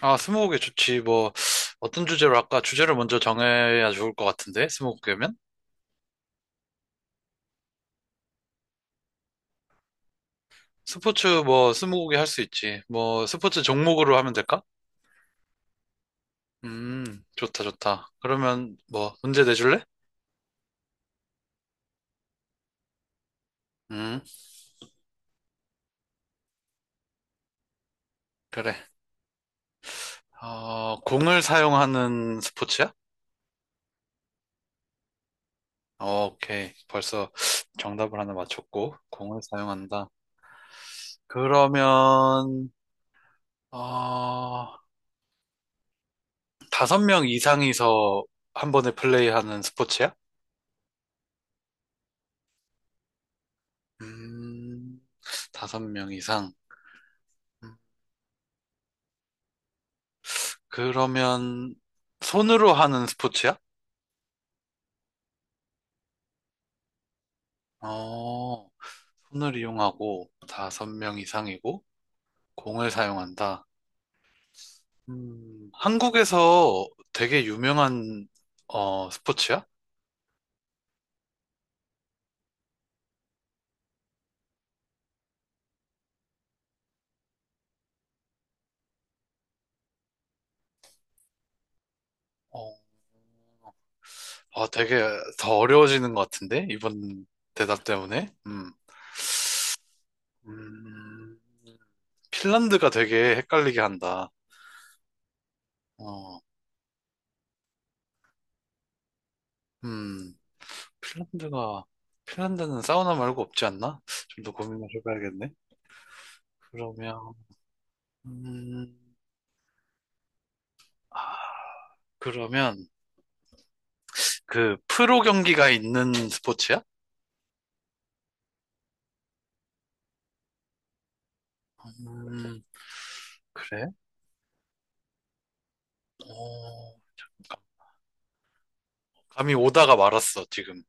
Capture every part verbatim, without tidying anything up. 아, 스무고개 좋지. 뭐, 어떤 주제로 할까? 주제를 먼저 정해야 좋을 것 같은데, 스무고개면? 스포츠 뭐, 스무고개 할 수 있지. 뭐, 스포츠 종목으로 하면 될까? 음, 좋다, 좋다. 그러면 뭐, 문제 내줄래? 음, 그래. 어, 공을 사용하는 스포츠야? 어, 오케이. 벌써 정답을 하나 맞췄고, 공을 사용한다. 그러면, 어, 다섯 명 이상이서 한 번에 플레이하는 스포츠야? 음, 다섯 명 이상. 음, 그러면 손으로 하는 스포츠야? 어, 손을 이용하고 다섯 명 이상이고 공을 사용한다. 음, 한국에서 되게 유명한 어, 스포츠야? 어, 아, 되게 더 어려워지는 것 같은데? 이번 대답 때문에? 음. 음, 핀란드가 되게 헷갈리게 한다. 어, 음. 핀란드가, 핀란드는 사우나 말고 없지 않나? 좀 더 고민을 해봐야겠네. 그러면, 음, 아, 그러면, 그, 프로 경기가 있는 스포츠야? 음, 그래? 어, 감이 오다가 말았어, 지금.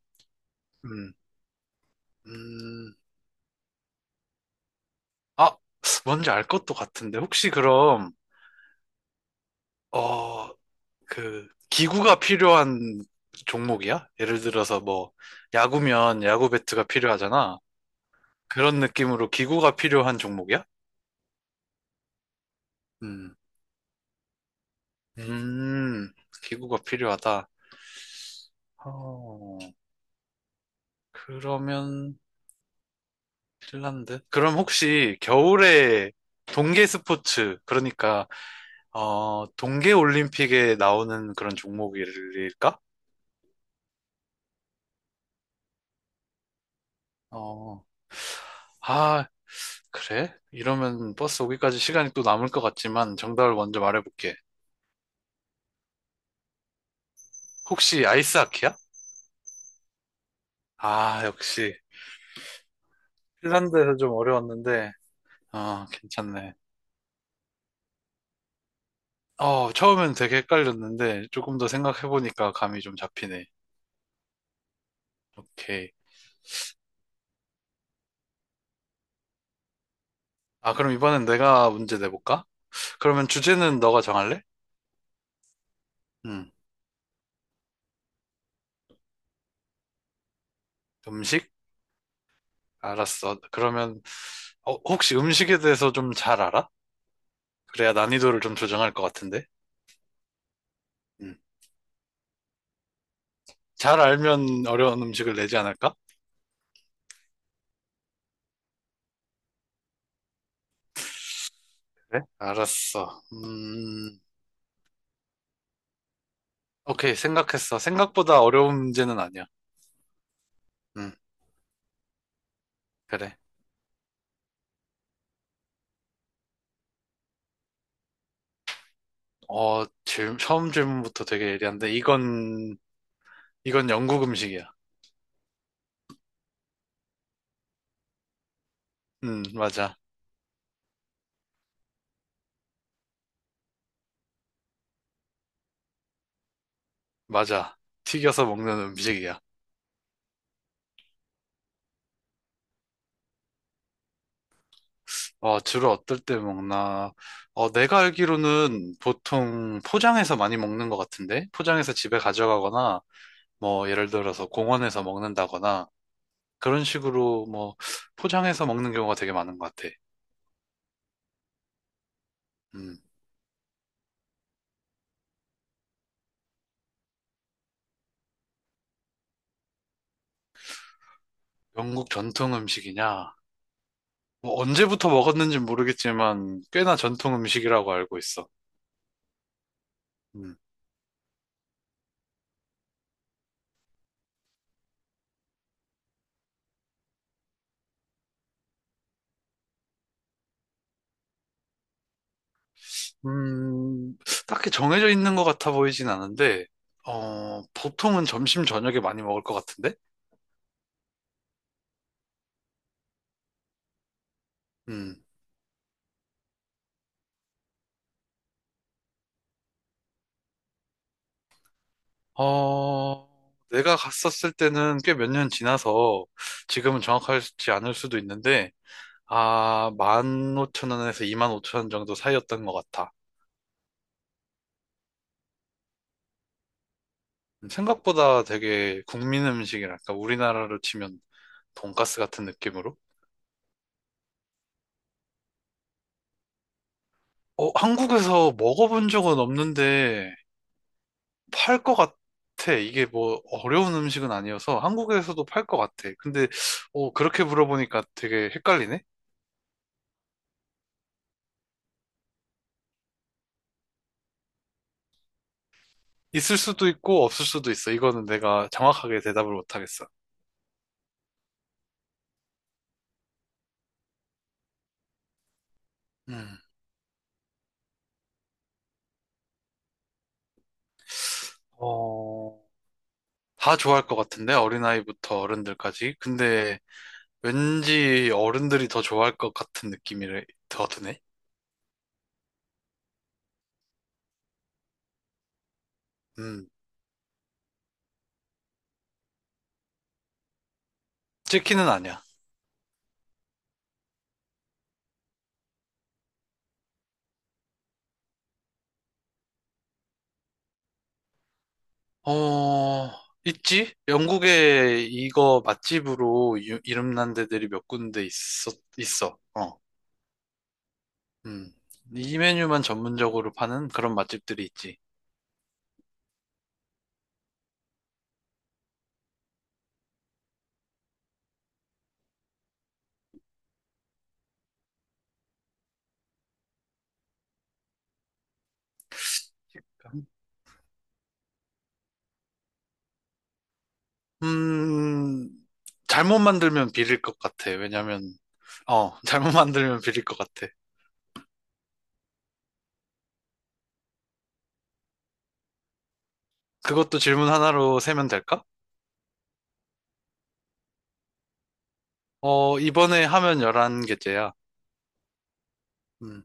음, 음, 아, 뭔지 알 것도 같은데. 혹시 그럼, 어, 그, 기구가 필요한 종목이야? 예를 들어서 뭐, 야구면 야구 배트가 필요하잖아. 그런 느낌으로 기구가 필요한 종목이야? 음, 음, 기구가 필요하다. 어, 그러면 핀란드? 그럼 혹시 겨울에 동계 스포츠, 그러니까 어, 동계 올림픽에 나오는 그런 종목일까? 어, 아, 그래? 이러면 버스 오기까지 시간이 또 남을 것 같지만 정답을 먼저 말해볼게. 혹시 아이스하키야? 아, 역시 핀란드에서 좀 어려웠는데, 아, 괜찮네. 어, 처음엔 되게 헷갈렸는데 조금 더 생각해보니까 감이 좀 잡히네. 오케이. 아, 그럼 이번엔 내가 문제 내볼까? 그러면 주제는 너가 정할래? 응. 음식? 알았어. 그러면 어, 혹시 음식에 대해서 좀 잘 알아? 그래야 난이도를 좀 조정할 것 같은데. 응. 잘 알면 어려운 음식을 내지 않을까? 그래? 알았어. 음, 오케이. 생각했어. 생각보다 어려운 문제는 아니야. 응, 그래. 어, 질, 처음 질문부터 되게 예리한데 이건 이건 영국 음식이야. 음, 맞아. 맞아. 튀겨서 먹는 음식이야. 어, 주로 어떨 때 먹나? 어, 내가 알기로는 보통 포장해서 많이 먹는 것 같은데? 포장해서 집에 가져가거나, 뭐, 예를 들어서 공원에서 먹는다거나, 그런 식으로 뭐, 포장해서 먹는 경우가 되게 많은 것 같아. 음, 영국 전통 음식이냐? 뭐, 언제부터 먹었는지 모르겠지만, 꽤나 전통 음식이라고 알고 있어. 음. 음, 딱히 정해져 있는 것 같아 보이진 않은데, 어, 보통은 점심, 저녁에 많이 먹을 것 같은데? 음, 어, 내가 갔었을 때는 꽤 몇 년 지나서 지금은 정확하지 않을 수도 있는데, 아, 만 오천 원에서 이만 오천 원 정도 사이였던 것 같아. 음, 생각보다 되게 국민 음식이랄까, 우리나라로 치면 돈가스 같은 느낌으로? 어, 한국에서 먹어본 적은 없는데, 팔 것 같아. 이게 뭐 어려운 음식은 아니어서 한국에서도 팔 것 같아. 근데 어, 그렇게 물어보니까 되게 헷갈리네. 있을 수도 있고 없을 수도 있어. 이거는 내가 정확하게 대답을 못 하겠어. 음. 어, 다 좋아할 것 같은데 어린아이부터 어른들까지. 근데 왠지 어른들이 더 좋아할 것 같은 느낌이 더 드네. 음. 치킨은 아니야. 어, 있지? 영국에 이거 맛집으로 유- 이름난 데들이 몇 군데 있어 있어. 어. 음. 이 메뉴만 전문적으로 파는 그런 맛집들이 있지. 음, 잘못 만들면 비릴 것 같아. 왜냐면, 어, 잘못 만들면 비릴 것 같아. 그것도 질문 하나로 세면 될까? 어, 이번에 하면 열한 개째야. 음.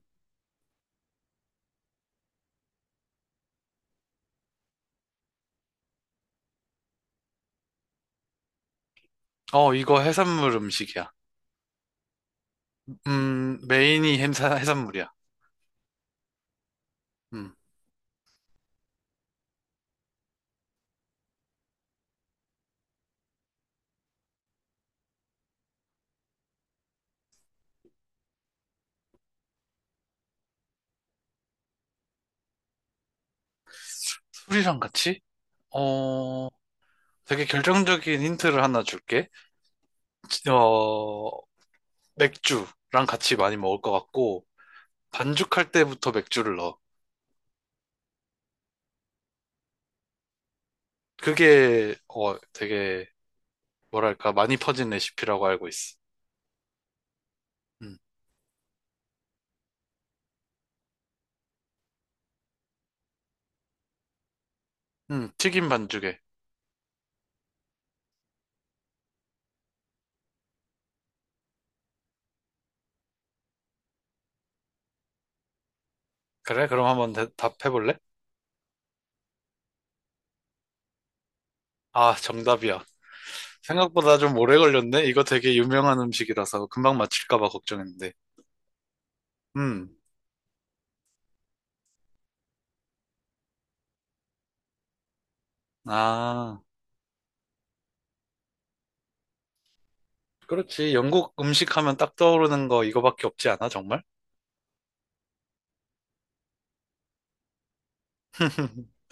어, 이거 해산물 음식이야. 음, 메인이 햄사, 해산물이야. 음. 술이랑 같이? 어, 되게 결정적인 힌트를 하나 줄게. 어, 맥주랑 같이 많이 먹을 것 같고, 반죽할 때부터 맥주를 넣어. 그게, 어, 되게, 뭐랄까, 많이 퍼진 레시피라고 알고 있어. 음, 음, 튀김 반죽에. 그래? 그럼 한번 대- 답해볼래? 아, 정답이야. 생각보다 좀 오래 걸렸네? 이거 되게 유명한 음식이라서 금방 맞힐까봐 걱정했는데. 음, 아, 그렇지. 영국 음식 하면 딱 떠오르는 거 이거밖에 없지 않아, 정말?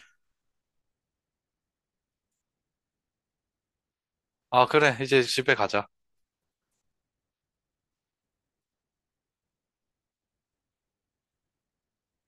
아, 그래. 이제 집에 가자.